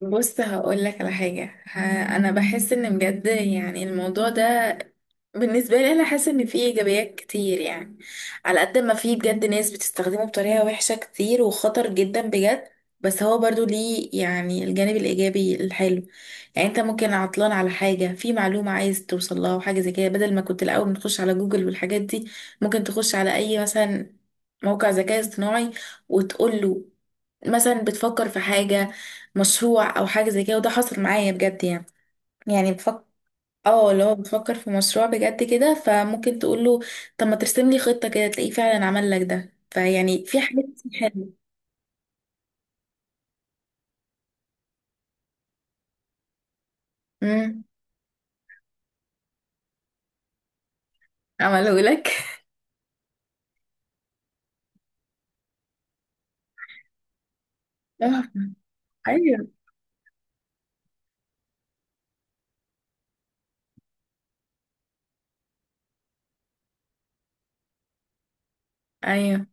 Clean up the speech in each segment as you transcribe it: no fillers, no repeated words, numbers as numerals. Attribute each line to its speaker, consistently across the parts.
Speaker 1: بص، هقول لك على حاجة أنا بحس إن بجد يعني الموضوع ده بالنسبة لي، أنا حاسة إن فيه إيجابيات كتير يعني. على قد ما فيه بجد ناس بتستخدمه بطريقة وحشة كتير وخطر جدا بجد، بس هو برضو ليه يعني الجانب الإيجابي الحلو. يعني أنت ممكن عطلان على حاجة، في معلومة عايز توصل لها وحاجة زي كده، بدل ما كنت الأول بتخش على جوجل والحاجات دي، ممكن تخش على أي مثلا موقع ذكاء اصطناعي وتقول له مثلا بتفكر في حاجة، مشروع او حاجه زي كده، وده حصل معايا بجد يعني. يعني بفكر، اه اللي هو بفكر في مشروع بجد كده، فممكن تقول له طب ما ترسم لي خطه كده، تلاقيه فعلا عمل لك ده، فيعني في حاجات كتير حلوه. امم. عمله لك اه، ايوه. ايوه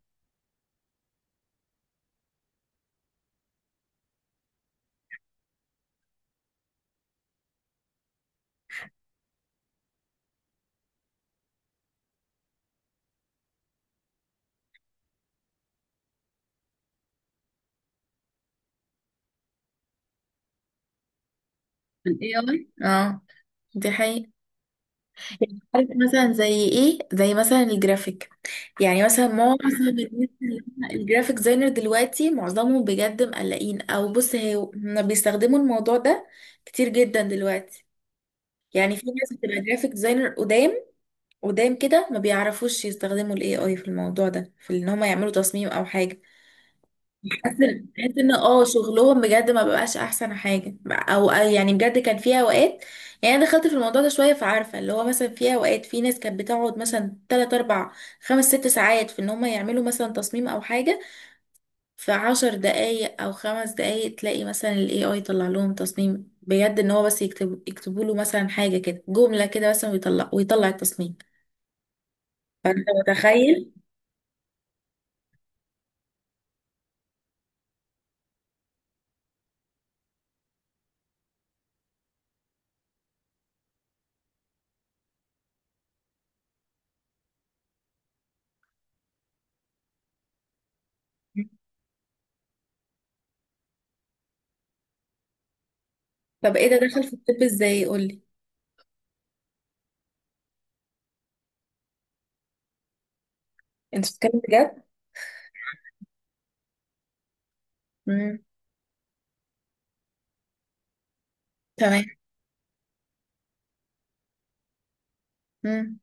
Speaker 1: الاي اي، اه دي حقيقة. عارف مثلا زي ايه، زي مثلا الجرافيك. يعني مثلا معظم الناس اللي هم الجرافيك ديزاينر دلوقتي معظمهم بجد مقلقين، او بص هي هما بيستخدموا الموضوع ده كتير جدا دلوقتي. يعني في ناس بتبقى جرافيك ديزاينر قدام قدام كده ما بيعرفوش يستخدموا الاي اي في الموضوع ده، في ان هم يعملوا تصميم او حاجه. بحس إن شغلهم بجد ما بقاش احسن حاجه، او يعني بجد كان فيها اوقات. يعني انا دخلت في الموضوع ده شويه فعارفه، اللي هو مثلا فيها اوقات في ناس كانت بتقعد مثلا 3 4 5 6 ساعات في ان هم يعملوا مثلا تصميم او حاجه، في 10 دقايق او 5 دقايق تلاقي مثلا ال AI يطلع لهم تصميم بجد، ان هو بس يكتب يكتبوا له مثلا حاجة كده جملة كده مثلا، ويطلع التصميم. فانت متخيل؟ طب ايه ده، دخل في الطب ازاي؟ قولي. انت بتتكلم بجد؟ امم. تمام. امم.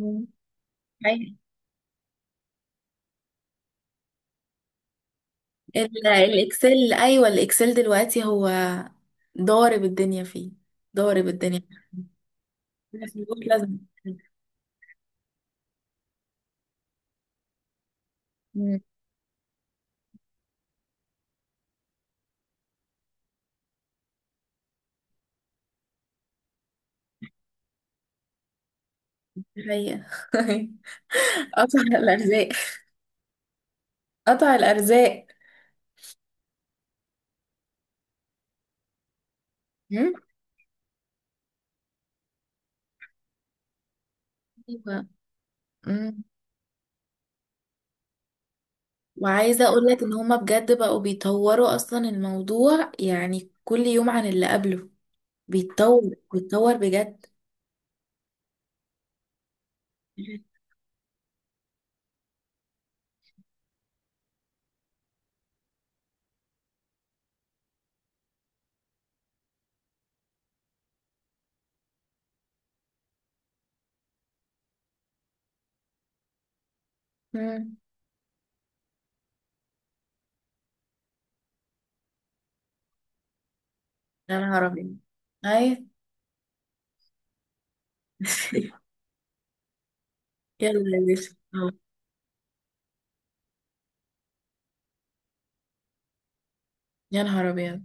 Speaker 1: امم. ايوه الاكسل، ايوه الاكسل دلوقتي هو ضارب الدنيا فيه، ضارب الدنيا. لازم، لازم. مم. الحقيقة. قطع الارزاق. قطع الارزاق. أيوة. مم. وعايزة اقول لك ان هما بجد بقوا بيطوروا اصلا الموضوع، يعني كل يوم عن اللي قبله بيتطور، بيتطور بجد. مم. يا نهار ابيض. اي. يلا يا باشا أهو. يا نهار ابيض.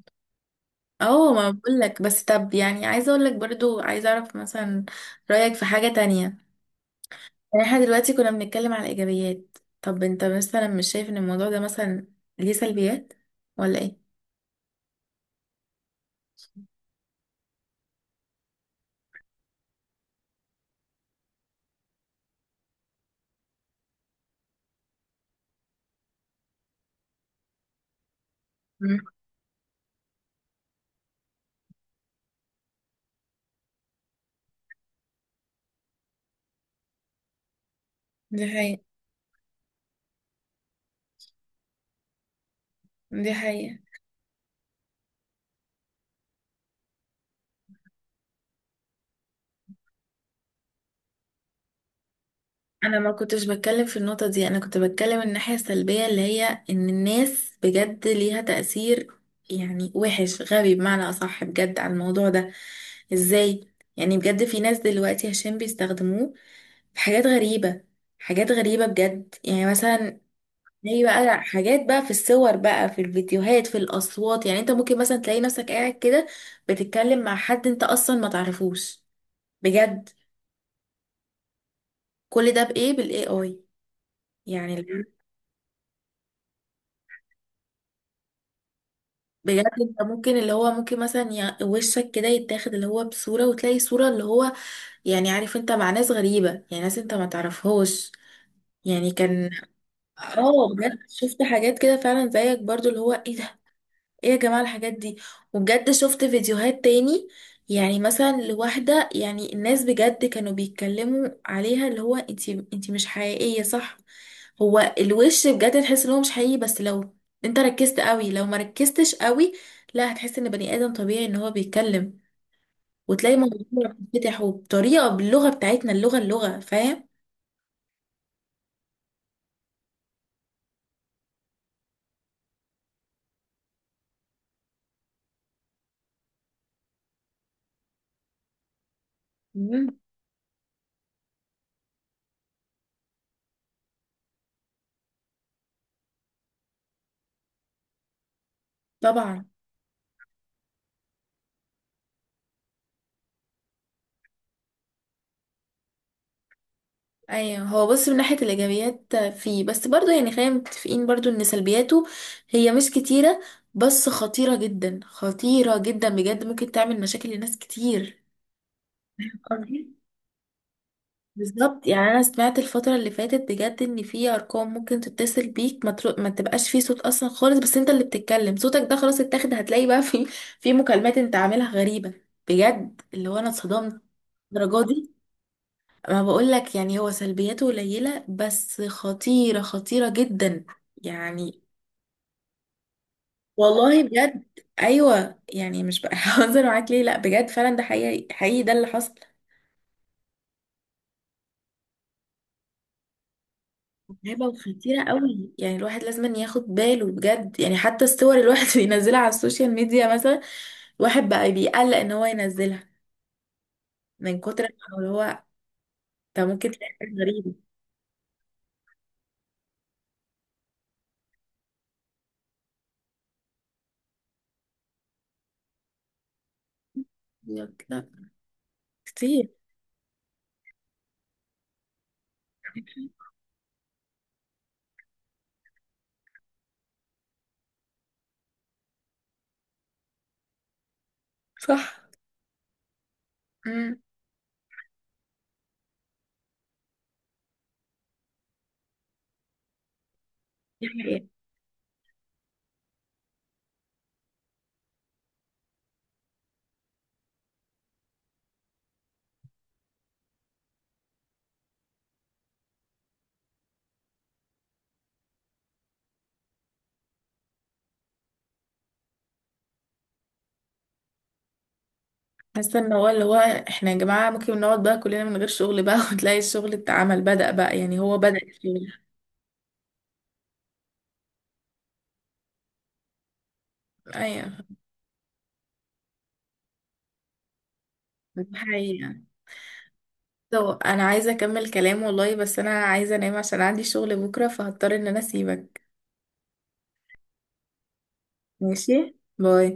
Speaker 1: اه ما بقول لك بس، طب يعني عايزة اقول لك برضو، عايزة اعرف مثلا رأيك في حاجة تانية. يعني احنا دلوقتي كنا بنتكلم على الايجابيات، طب انت مثلا مش شايف ان الموضوع ده مثلا ليه سلبيات، ولا ايه؟ مم. دي حقيقة. دي حقيقة. انا ما كنتش بتكلم في النقطة دي، انا كنت بتكلم الناحية السلبية اللي هي ان الناس بجد ليها تأثير يعني وحش، غبي بمعنى اصح بجد على الموضوع ده. ازاي؟ يعني بجد في ناس دلوقتي عشان بيستخدموه في حاجات غريبة، حاجات غريبة بجد. يعني مثلا هي بقى حاجات بقى في الصور بقى في الفيديوهات في الأصوات، يعني انت ممكن مثلا تلاقي نفسك قاعد كده بتتكلم مع حد انت اصلا ما تعرفوش، بجد. كل ده بإيه؟ بالاي اي يعني. بجد انت ممكن، اللي هو ممكن مثلا وشك كده يتاخد، اللي هو بصورة وتلاقي صورة اللي هو، يعني عارف، انت مع ناس غريبة يعني، ناس انت ما تعرفهاش يعني كان، اه بجد شفت حاجات كده فعلا زيك برضو، اللي هو ايه ده، ايه يا جماعة الحاجات دي. وبجد شفت فيديوهات تاني، يعني مثلا لواحدة، يعني الناس بجد كانوا بيتكلموا عليها اللي هو انتي مش حقيقية صح. هو الوش بجد تحس ان هو مش حقيقي، بس لو انت ركزت قوي، لو ما ركزتش قوي لا هتحس ان بني ادم طبيعي ان هو بيتكلم، وتلاقي موضوع بيتفتح، وبطريقة باللغة بتاعتنا، اللغة فاهم. مم. طبعا. ايوه هو بص، من ناحيه الايجابيات فيه، بس برضه يعني خلينا متفقين برضه ان سلبياته هي مش كتيره، بس خطيره جدا، خطيره جدا بجد، ممكن تعمل مشاكل لناس كتير. قصدي بالظبط، يعني انا سمعت الفتره اللي فاتت بجد ان في ارقام ممكن تتصل بيك، ما تبقاش فيه صوت اصلا خالص، بس انت اللي بتتكلم صوتك ده خلاص اتاخد، هتلاقي بقى في مكالمات انت عاملها غريبه بجد، اللي هو انا اتصدمت الدرجه دي. ما بقولك، يعني هو سلبياته قليلة بس خطيرة، خطيرة جدا يعني. والله بجد أيوة، يعني مش بهزر معاك، ليه لأ بجد فعلا ده حقيقي حقيقي ده اللي حصل. متعبة وخطيرة قوي يعني، الواحد لازم ياخد باله بجد، يعني حتى الصور اللي الواحد بينزلها على السوشيال ميديا مثلا، الواحد بقى بيقلق ان هو ينزلها من كتر، ما هو ده ممكن تلاقي حاجة غريبة. يقولك لأ. كتير. صح. امم. حاسه ان هو، اللي هو احنا يا جماعه ممكن نقعد بقى كلنا من غير شغل بقى وتلاقي الشغل اتعمل، بدأ بقى يعني هو بدأ الشغل. ايوه. دي حقيقه. طب انا عايزه اكمل كلام والله، بس انا عايزه انام عشان عندي شغل بكره، فهضطر ان انا اسيبك. ماشي. باي.